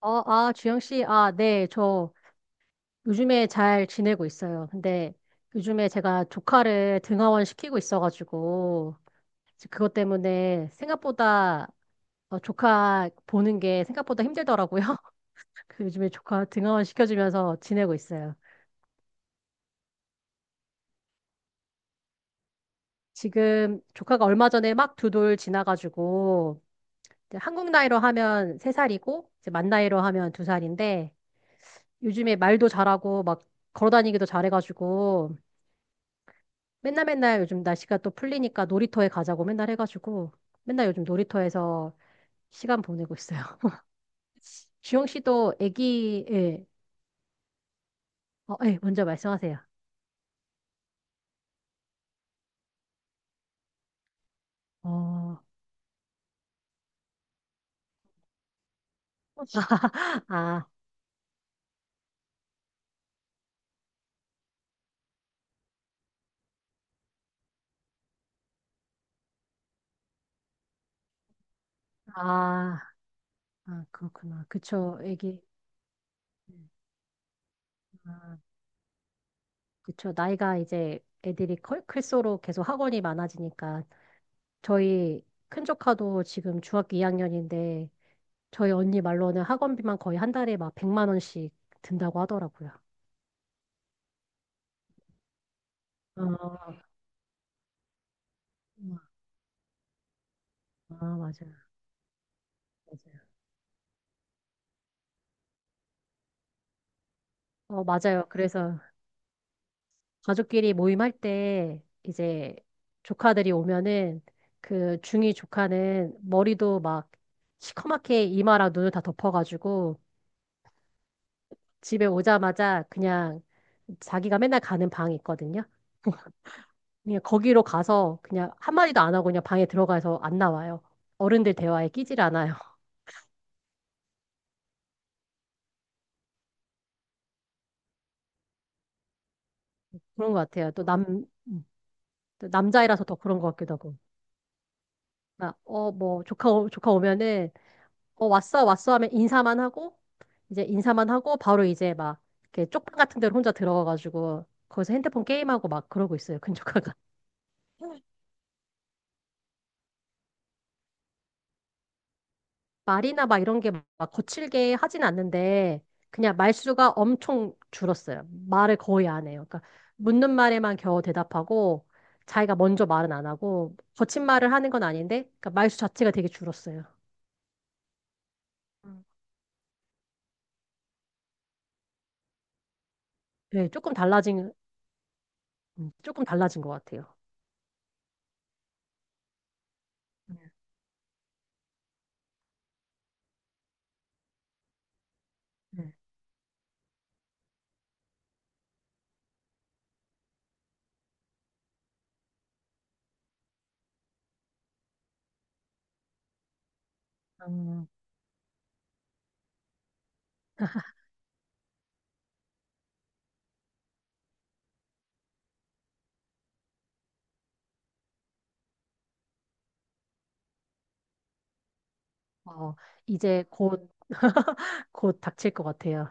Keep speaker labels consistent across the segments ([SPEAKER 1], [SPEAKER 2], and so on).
[SPEAKER 1] 주영 씨, 네, 저 요즘에 잘 지내고 있어요. 근데 요즘에 제가 조카를 등하원 시키고 있어가지고, 이제 그것 때문에 생각보다 조카 보는 게 생각보다 힘들더라고요. 그 요즘에 조카 등하원 시켜주면서 지내고 있어요. 지금 조카가 얼마 전에 막 두 돌 지나가지고, 이제 한국 나이로 하면 세살이고 이제 만 나이로 하면 두살인데 요즘에 말도 잘하고 막 걸어다니기도 잘해가지고, 맨날 맨날 요즘 날씨가 또 풀리니까 놀이터에 가자고 맨날 해가지고 맨날 요즘 놀이터에서 시간 보내고 있어요. 주영 씨도 애기, 예, 예, 먼저 말씀하세요. 어, 아, 아, 아, 그렇구나. 그쵸, 애기. 아, 그쵸. 나이가 이제 애들이 클수록 계속 학원이 많아지니까 저희 큰 조카도 지금 중학교 2학년인데 저희 언니 말로는 학원비만 거의 한 달에 막 100만 원씩 든다고 하더라고요. 어, 어, 맞아요. 맞아요. 맞아요. 그래서 가족끼리 모임할 때 이제 조카들이 오면은 그 중이 조카는 머리도 막 시커멓게 이마랑 눈을 다 덮어가지고 집에 오자마자 그냥 자기가 맨날 가는 방이 있거든요. 그냥 거기로 가서 그냥 한마디도 안 하고 그냥 방에 들어가서 안 나와요. 어른들 대화에 끼질 않아요. 그런 것 같아요. 또 또 남자이라서 더 그런 것 같기도 하고. 막, 뭐, 조카 오면은 왔어, 왔어 하면 인사만 하고, 이제 인사만 하고, 바로 이제 막, 이렇게 쪽방 같은 데로 혼자 들어가가지고, 거기서 핸드폰 게임하고 막 그러고 있어요, 근조카가. 말이나 막 이런 게 막 거칠게 하진 않는데, 그냥 말수가 엄청 줄었어요. 말을 거의 안 해요. 그러니까, 묻는 말에만 겨우 대답하고, 자기가 먼저 말은 안 하고, 거친 말을 하는 건 아닌데, 그러니까 말수 자체가 되게 줄었어요. 음, 네, 조금 달라진 것 같아요. 네. 네. 음, 어, 이제 곧 닥칠 것 같아요.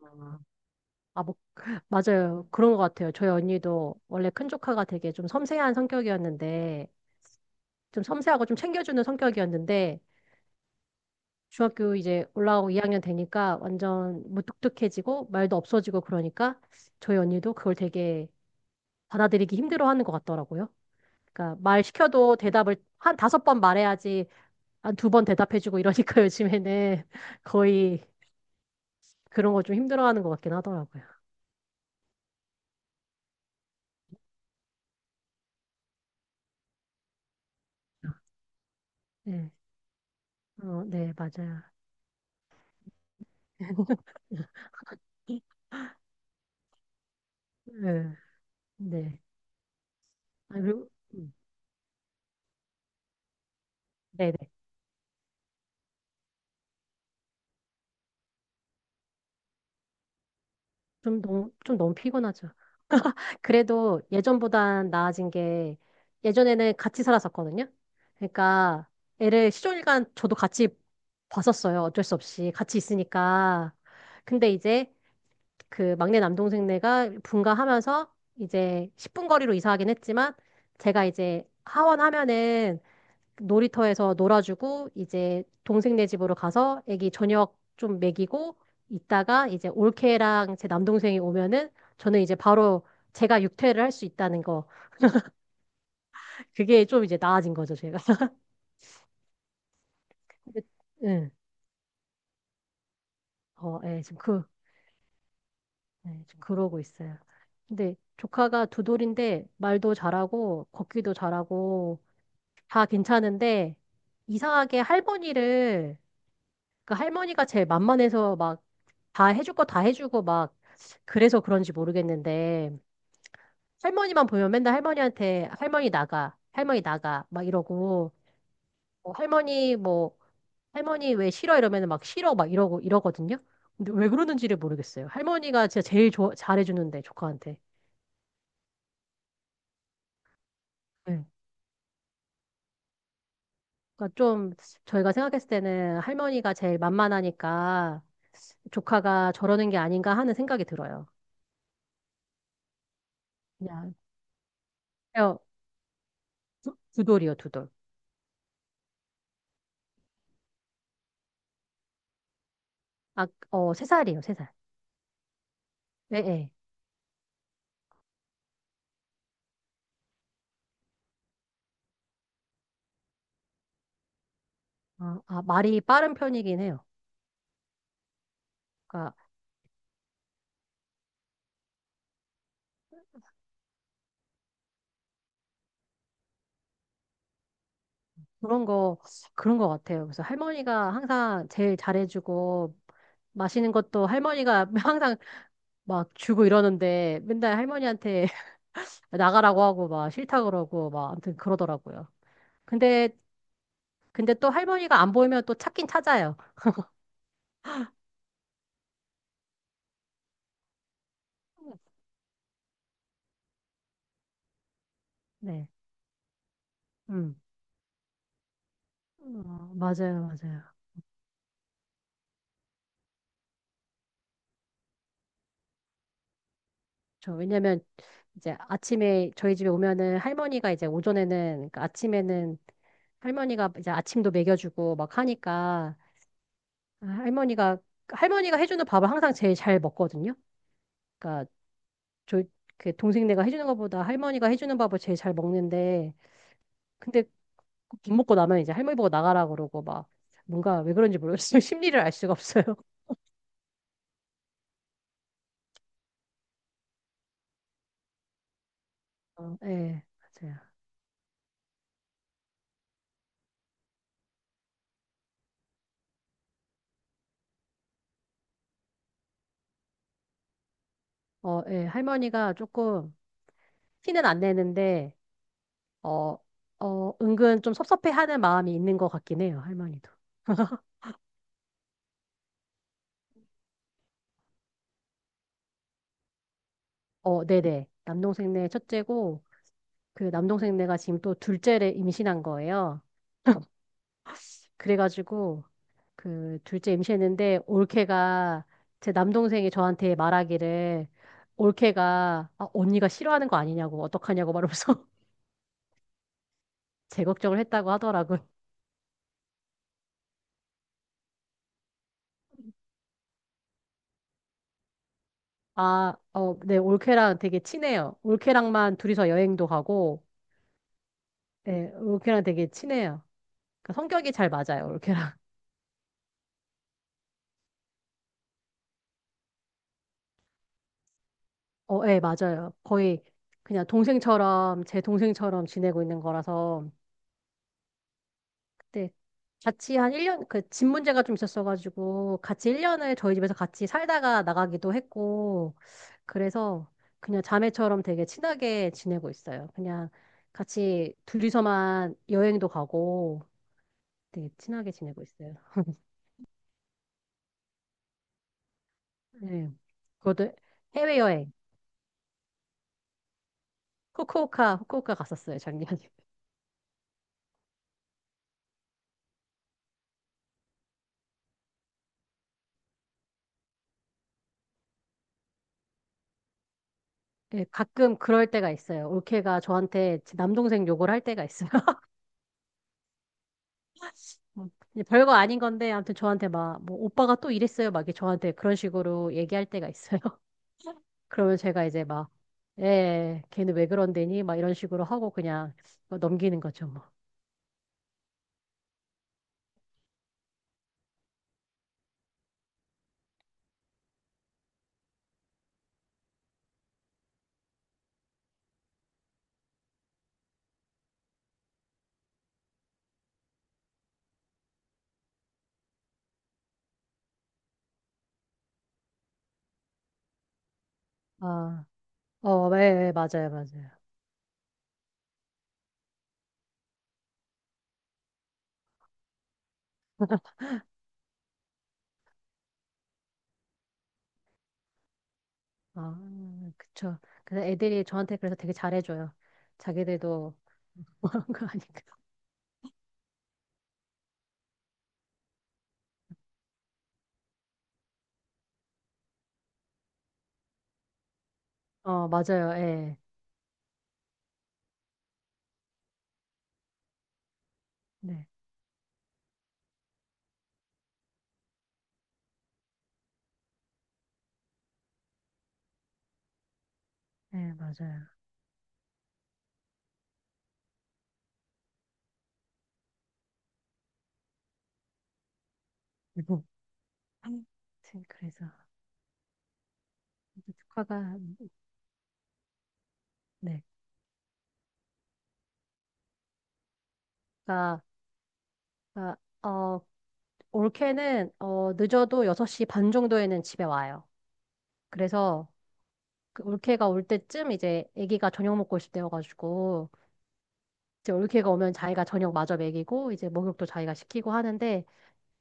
[SPEAKER 1] 어, 뭐, 맞아요. 그런 것 같아요. 저희 언니도 원래 큰 조카가 되게 좀 섬세한 성격이었는데, 좀 섬세하고 좀 챙겨주는 성격이었는데, 중학교 이제 올라오고 2학년 되니까 완전 무뚝뚝해지고, 말도 없어지고 그러니까, 저희 언니도 그걸 되게 받아들이기 힘들어하는 것 같더라고요. 그러니까 말 시켜도 대답을 한 다섯 번 말해야지, 한 두 번 대답해주고 이러니까 요즘에는 거의 그런 거 좀 힘들어하는 것 같긴 하더라고요. 네, 네, 맞아요. 네, 네. 그리고, 음, 네네. 좀 너무 피곤하죠. 그래도 예전보단 나아진 게 예전에는 같이 살았었거든요. 그러니까 애를 시종일관 저도 같이 봤었어요. 어쩔 수 없이 같이 있으니까. 근데 이제 그 막내 남동생네가 분가하면서 이제 10분 거리로 이사하긴 했지만 제가 이제 하원하면은 놀이터에서 놀아주고 이제 동생네 집으로 가서 애기 저녁 좀 먹이고 있다가 이제 올케랑 제 남동생이 오면은 저는 이제 바로 제가 육퇴를 할 수 있다는 거 그게 좀 이제 나아진 거죠 제가. 근데, 응. 예, 예, 지금 그러고 있어요. 근데 조카가 두 돌인데 말도 잘하고 걷기도 잘하고 다 괜찮은데 이상하게 할머니를 그 할머니가 제일 만만해서 막 다 해줄 거 다 해주고 막 그래서 그런지 모르겠는데 할머니만 보면 맨날 할머니한테 할머니 나가 할머니 나가 막 이러고 뭐 할머니 뭐 할머니 왜 싫어 이러면 막 싫어 막 이러고 이러거든요. 근데 왜 그러는지를 모르겠어요. 할머니가 진짜 제일 잘해주는데 조카한테. 네. 그러니까 좀 저희가 생각했을 때는 할머니가 제일 만만하니까 조카가 저러는 게 아닌가 하는 생각이 들어요. 그냥 어, 두 돌이요, 두 돌. 세 살이에요, 세 살. 예, 예. 말이 빠른 편이긴 해요. 그러니까 그런 거 그런 거 같아요. 그래서 할머니가 항상 제일 잘해주고 마시는 것도 할머니가 항상 막 주고 이러는데 맨날 할머니한테 나가라고 하고 막 싫다 그러고 막 아무튼 그러더라고요. 근데 근데 또 할머니가 안 보이면 또 찾긴 찾아요. 네. 음. 어, 맞아요, 맞아요. 저 왜냐면 이제 아침에 저희 집에 오면은 할머니가 이제 오전에는 그러니까 아침에는 할머니가 이제 아침도 먹여주고 막 하니까 아, 할머니가 할머니가 해주는 밥을 항상 제일 잘 먹거든요. 그러니까 저그 동생네가 해주는 것보다 할머니가 해주는 밥을 제일 잘 먹는데 근데 밥 먹고 나면 이제 할머니 보고 나가라 그러고 막 뭔가 왜 그런지 모르겠어요. 심리를 알 수가 없어요. 예, 맞아요. 예, 할머니가 조금 티는 안 내는데 어, 은근 좀 섭섭해하는 마음이 있는 것 같긴 해요, 할머니도. 네네. 남동생네 첫째고, 그 남동생네가 지금 또 둘째를 임신한 거예요. 그래가지고, 그 둘째 임신했는데, 올케가, 제 남동생이 저한테 말하기를, 올케가, 언니가 싫어하는 거 아니냐고, 어떡하냐고 말하면서 제 걱정을 했다고 하더라고요. 네, 올케랑 되게 친해요. 올케랑만 둘이서 여행도 가고, 네, 올케랑 되게 친해요. 그러니까 성격이 잘 맞아요, 올케랑. 예, 맞아요. 거의 그냥 동생처럼, 제 동생처럼 지내고 있는 거라서, 그때 같이 한 1년, 그 집 문제가 좀 있었어가지고, 같이 1년을 저희 집에서 같이 살다가 나가기도 했고, 그래서 그냥 자매처럼 되게 친하게 지내고 있어요. 그냥 같이 둘이서만 여행도 가고, 되게 친하게 지내고 있어요. 네. 그것도 해외여행, 후쿠오카 갔었어요, 작년에. 예, 가끔 그럴 때가 있어요. 올케가 저한테 제 남동생 욕을 할 때가 있어요. 뭐, 이제 별거 아닌 건데, 아무튼 저한테 막, 뭐, 오빠가 또 이랬어요. 막 이렇게 저한테 그런 식으로 얘기할 때가 있어요. 그러면 제가 이제 막, 예, 걔는 왜 그런데니? 막 이런 식으로 하고 그냥 뭐 넘기는 거죠, 뭐. 아, 예, 예, 맞아요, 맞아요. 그쵸. 그래서 애들이 저한테 그래서 되게 잘해줘요. 자기들도 뭐 하는 거 아니까. 맞아요, 예. 네, 예, 맞아요. 그리고 아무튼 그래서. 축하가 한- 네. 그러니까 그러니까, 어, 올케는 늦어도 6시 반 정도에는 집에 와요. 그래서 그 올케가 올 때쯤 이제 아기가 저녁 먹고 있을 때여가지고 이제 올케가 오면 자기가 저녁 마저 먹이고 이제 목욕도 자기가 시키고 하는데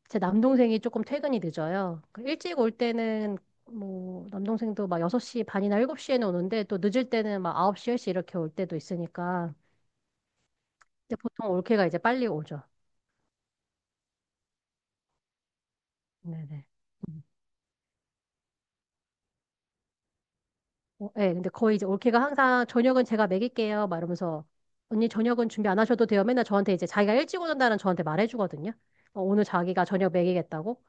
[SPEAKER 1] 제 남동생이 조금 퇴근이 늦어요. 그 일찍 올 때는 뭐 남동생도 막 6시 반이나 7시에는 오는데 또 늦을 때는 막 9시, 10시 이렇게 올 때도 있으니까 근데 보통 올케가 이제 빨리 오죠. 네네. 음. 예, 근데 거의 이제 올케가 항상 저녁은 제가 먹일게요. 막 이러면서 언니 저녁은 준비 안 하셔도 돼요. 맨날 저한테 이제 자기가 일찍 오는다는 저한테 말해주거든요. 오늘 자기가 저녁 먹이겠다고.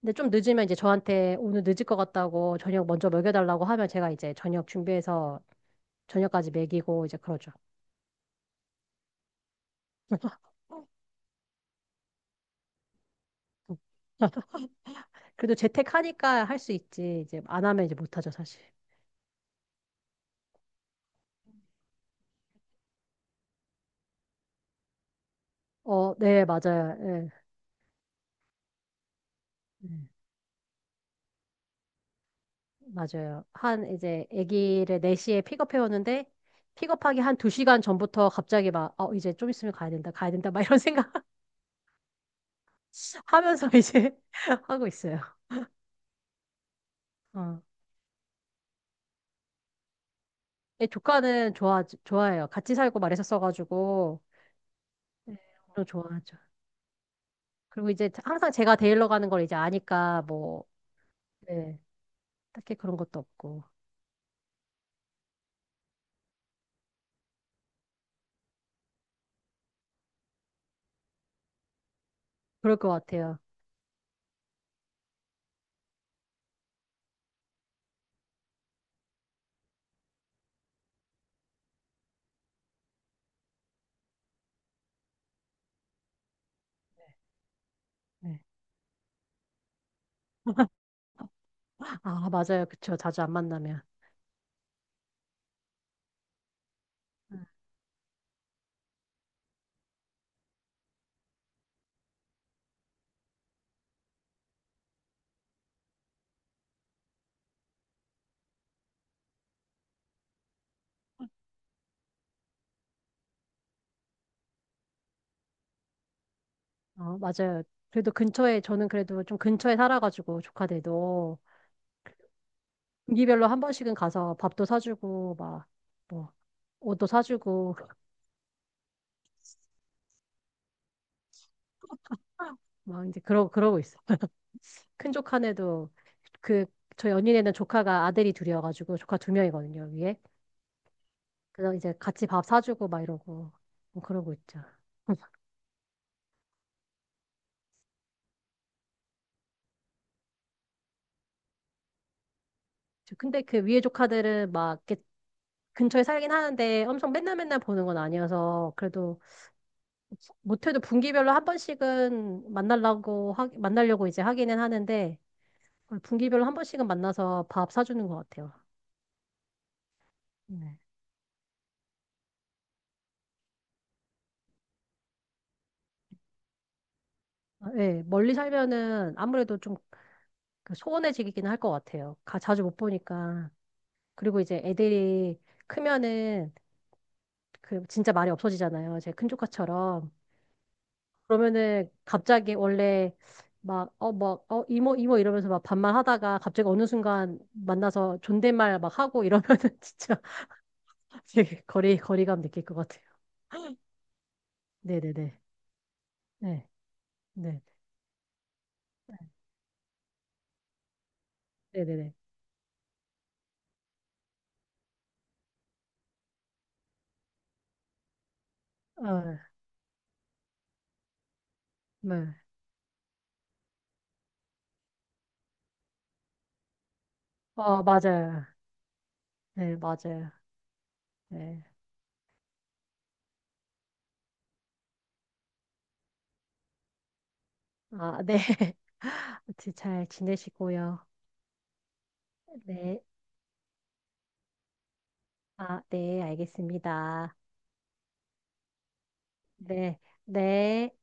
[SPEAKER 1] 근데 좀 늦으면 이제 저한테 오늘 늦을 것 같다고 저녁 먼저 먹여달라고 하면 제가 이제 저녁 준비해서 저녁까지 먹이고 이제 그러죠. 음. 그래도 재택하니까 할 수 있지. 이제 안 하면 이제 못하죠, 사실. 네, 맞아요. 예. 네. 맞아요. 한 이제 아기를 4시에 픽업해 오는데 픽업하기 한 2시간 전부터 갑자기 막 이제 좀 있으면 가야 된다. 가야 된다. 막 이런 생각 하면서 이제 하고 있어요. 어. 예, 조카는 좋아해요. 같이 살고 말했었어 가지고 네, 또 좋아하죠. 그리고 이제 항상 제가 데일러 가는 걸 이제 아니까 뭐 네, 딱히 그런 것도 없고 그럴 것 같아요. 네. 맞아요. 그쵸. 자주 안 만나면. 맞아요. 그래도 근처에, 저는 그래도 좀 근처에 살아가지고, 조카들도. 분기별로 한 번씩은 가서 밥도 사주고, 막, 뭐, 옷도 사주고, 막 이제 그러고 있어. 큰 조카네도, 그, 저 연인에는 조카가 아들이 둘이어가지고, 조카 두 명이거든요, 위에. 그래서 이제 같이 밥 사주고, 막 이러고, 뭐 그러고 있죠. 근데 그 위에 조카들은 막, 이렇게 근처에 살긴 하는데, 엄청 맨날 맨날 보는 건 아니어서, 그래도 못해도 분기별로 한 번씩은 만나려고 만나려고 이제 하기는 하는데 분기별로 한 번씩은 만나서 밥 사주는 것 같아요. 네. 예, 멀리 살면은 아무래도 좀그 소원해지긴 할 것 같아요. 자주 못 보니까. 그리고 이제 애들이 크면은 그 진짜 말이 없어지잖아요. 제 큰 조카처럼. 그러면은 갑자기 원래 이모, 이모 이러면서 막 반말 하다가 갑자기 어느 순간 만나서 존댓말 막 하고 이러면은 진짜 되게 거리감 느낄 것 같아요. 네네네. 네, 네, 네네네. 아, 네. 맞아요. 네, 맞아요. 네. 네. 아무튼 잘 지내시고요. 네. 네, 알겠습니다. 네, 네.